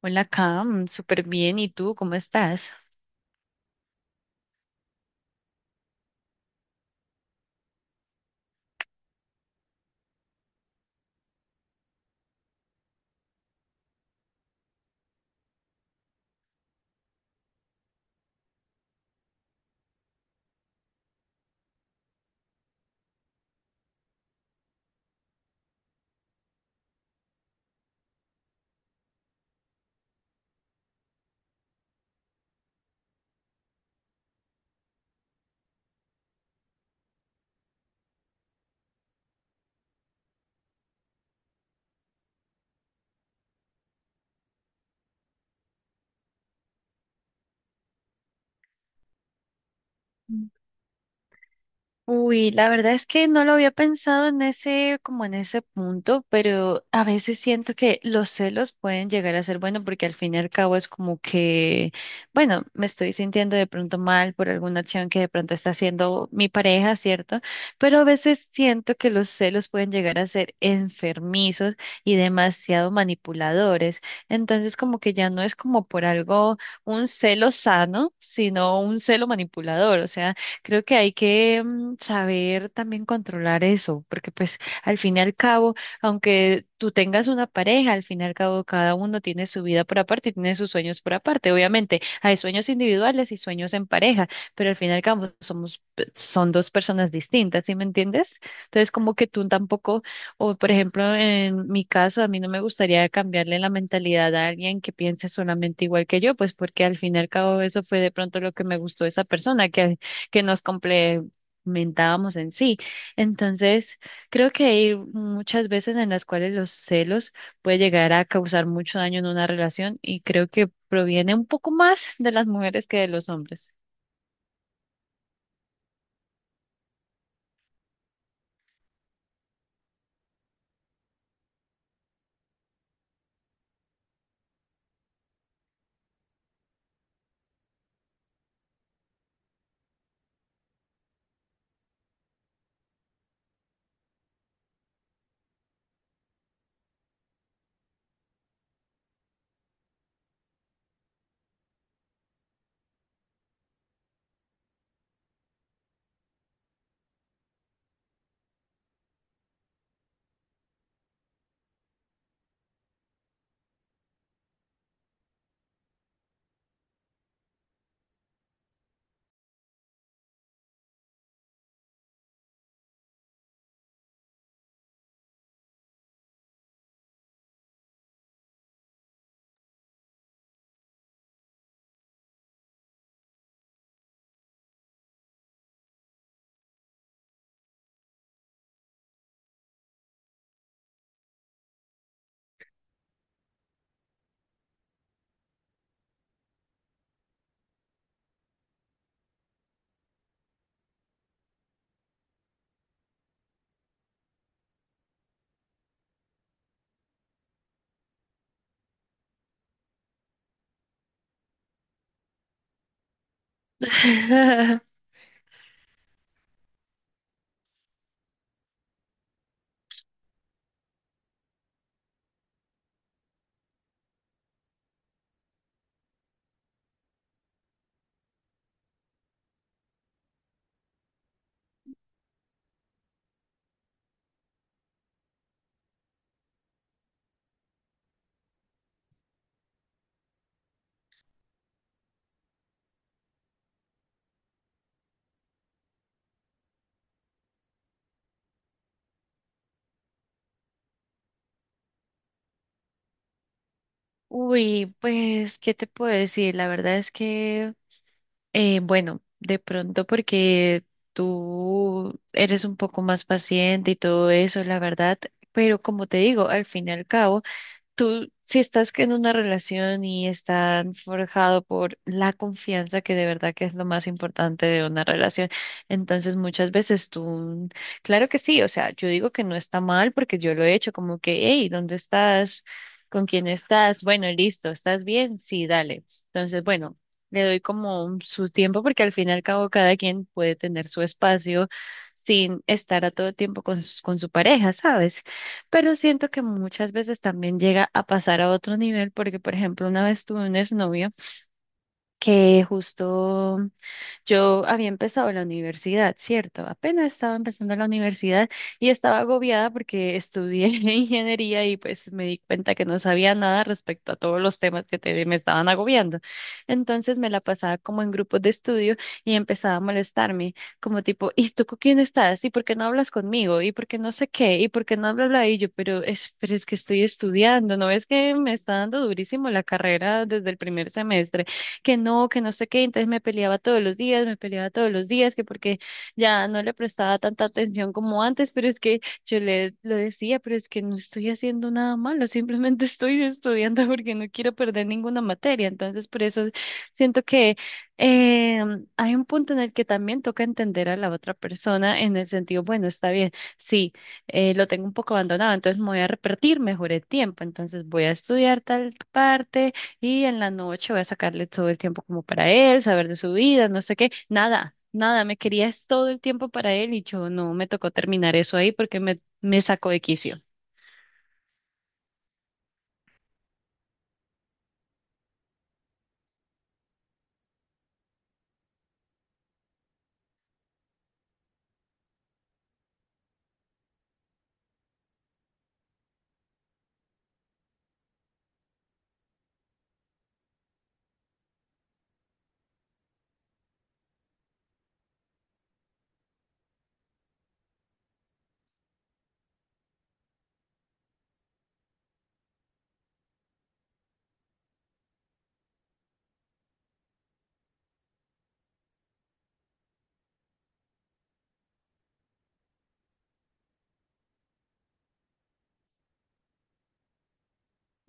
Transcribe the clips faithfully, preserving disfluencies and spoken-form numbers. Hola, Cam, súper bien. ¿Y tú cómo estás? Uy, la verdad es que no lo había pensado en ese, como en ese punto, pero a veces siento que los celos pueden llegar a ser bueno porque al fin y al cabo es como que, bueno, me estoy sintiendo de pronto mal por alguna acción que de pronto está haciendo mi pareja, ¿cierto? Pero a veces siento que los celos pueden llegar a ser enfermizos y demasiado manipuladores. Entonces, como que ya no es como por algo un celo sano, sino un celo manipulador, o sea, creo que hay que mm, saber también controlar eso, porque pues al fin y al cabo, aunque tú tengas una pareja, al fin y al cabo cada uno tiene su vida por aparte y tiene sus sueños por aparte. Obviamente hay sueños individuales y sueños en pareja, pero al fin y al cabo somos, pe- son dos personas distintas, ¿sí me entiendes? Entonces como que tú tampoco, o por ejemplo en mi caso, a mí no me gustaría cambiarle la mentalidad a alguien que piense solamente igual que yo, pues porque al fin y al cabo eso fue de pronto lo que me gustó de esa persona, que que nos complementábamos en sí. Entonces, creo que hay muchas veces en las cuales los celos puede llegar a causar mucho daño en una relación y creo que proviene un poco más de las mujeres que de los hombres. Uy, pues, ¿qué te puedo decir? La verdad es que, eh, bueno, de pronto porque tú eres un poco más paciente y todo eso, la verdad, pero como te digo, al fin y al cabo, tú, si estás en una relación y están forjado por la confianza, que de verdad que es lo más importante de una relación, entonces muchas veces tú, claro que sí, o sea, yo digo que no está mal porque yo lo he hecho, como que, hey, ¿dónde estás? ¿Con quién estás? Bueno, listo, ¿estás bien? Sí, dale. Entonces, bueno, le doy como un- su tiempo porque al fin y al cabo cada quien puede tener su espacio sin estar a todo tiempo con, su- con su pareja, ¿sabes? Pero siento que muchas veces también llega a pasar a otro nivel, porque por ejemplo, una vez tuve un exnovio que justo yo había empezado la universidad, ¿cierto? Apenas estaba empezando la universidad y estaba agobiada porque estudié ingeniería y pues me di cuenta que no sabía nada respecto a todos los temas que te- me estaban agobiando. Entonces me la pasaba como en grupos de estudio y empezaba a molestarme, como tipo, ¿y tú con quién estás? ¿Y por qué no hablas conmigo? ¿Y por qué no sé qué? ¿Y por qué no hablas? Y yo, pero es, pero es que estoy estudiando, ¿no ves que me está dando durísimo la carrera desde el primer semestre? Que no, que no sé qué, entonces me peleaba todos los días, me peleaba todos los días, que porque ya no le prestaba tanta atención como antes, pero es que yo le lo decía, pero es que no estoy haciendo nada malo, simplemente estoy estudiando porque no quiero perder ninguna materia, entonces por eso siento que eh, hay un punto en el que también toca entender a la otra persona en el sentido, bueno, está bien, sí, eh, lo tengo un poco abandonado, entonces me voy a repetir mejor el tiempo, entonces voy a estudiar tal parte y en la noche voy a sacarle todo el tiempo como para él, saber de su vida, no sé qué, nada, nada, me querías todo el tiempo para él y yo no me tocó terminar eso ahí porque me, me sacó de quicio.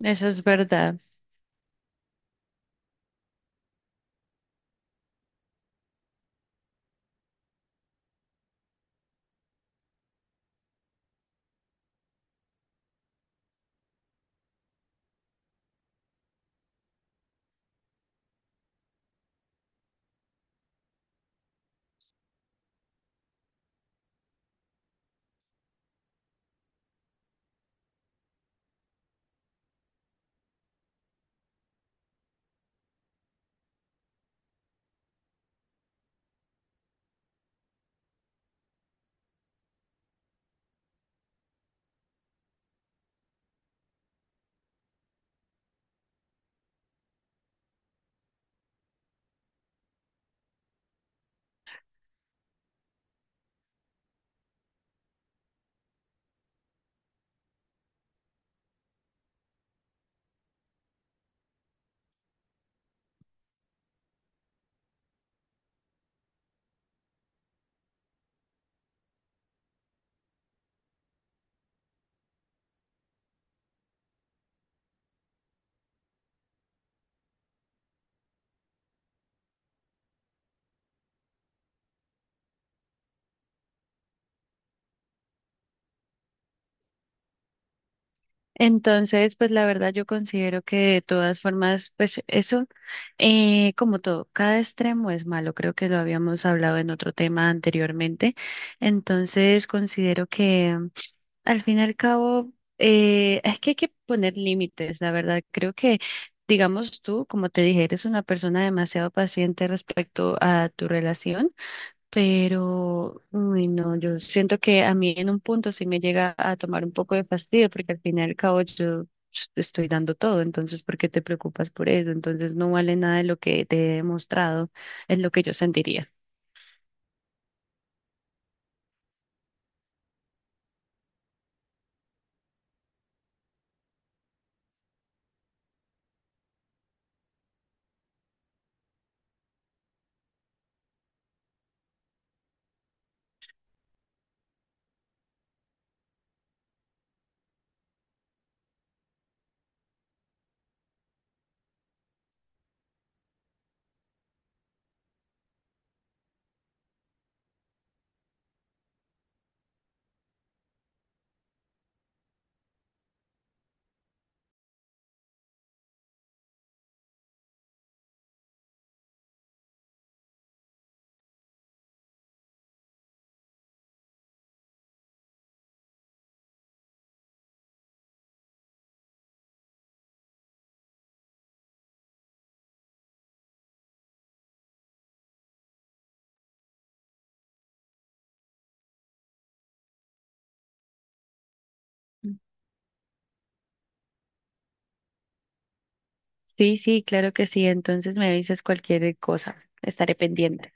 Eso es verdad. Entonces, pues la verdad yo considero que de todas formas, pues eso, eh, como todo, cada extremo es malo, creo que lo habíamos hablado en otro tema anteriormente. Entonces, considero que al fin y al cabo, eh, es que hay que poner límites, la verdad. Creo que, digamos tú, como te dije, eres una persona demasiado paciente respecto a tu relación, pero, uy, no, yo siento que a mí en un punto sí me llega a tomar un poco de fastidio, porque al fin y al cabo yo s- estoy dando todo, entonces, ¿por qué te preocupas por eso? Entonces, no vale nada de lo que te he demostrado, es lo que yo sentiría. Sí, sí, claro que sí. Entonces me avisas cualquier cosa. Estaré pendiente.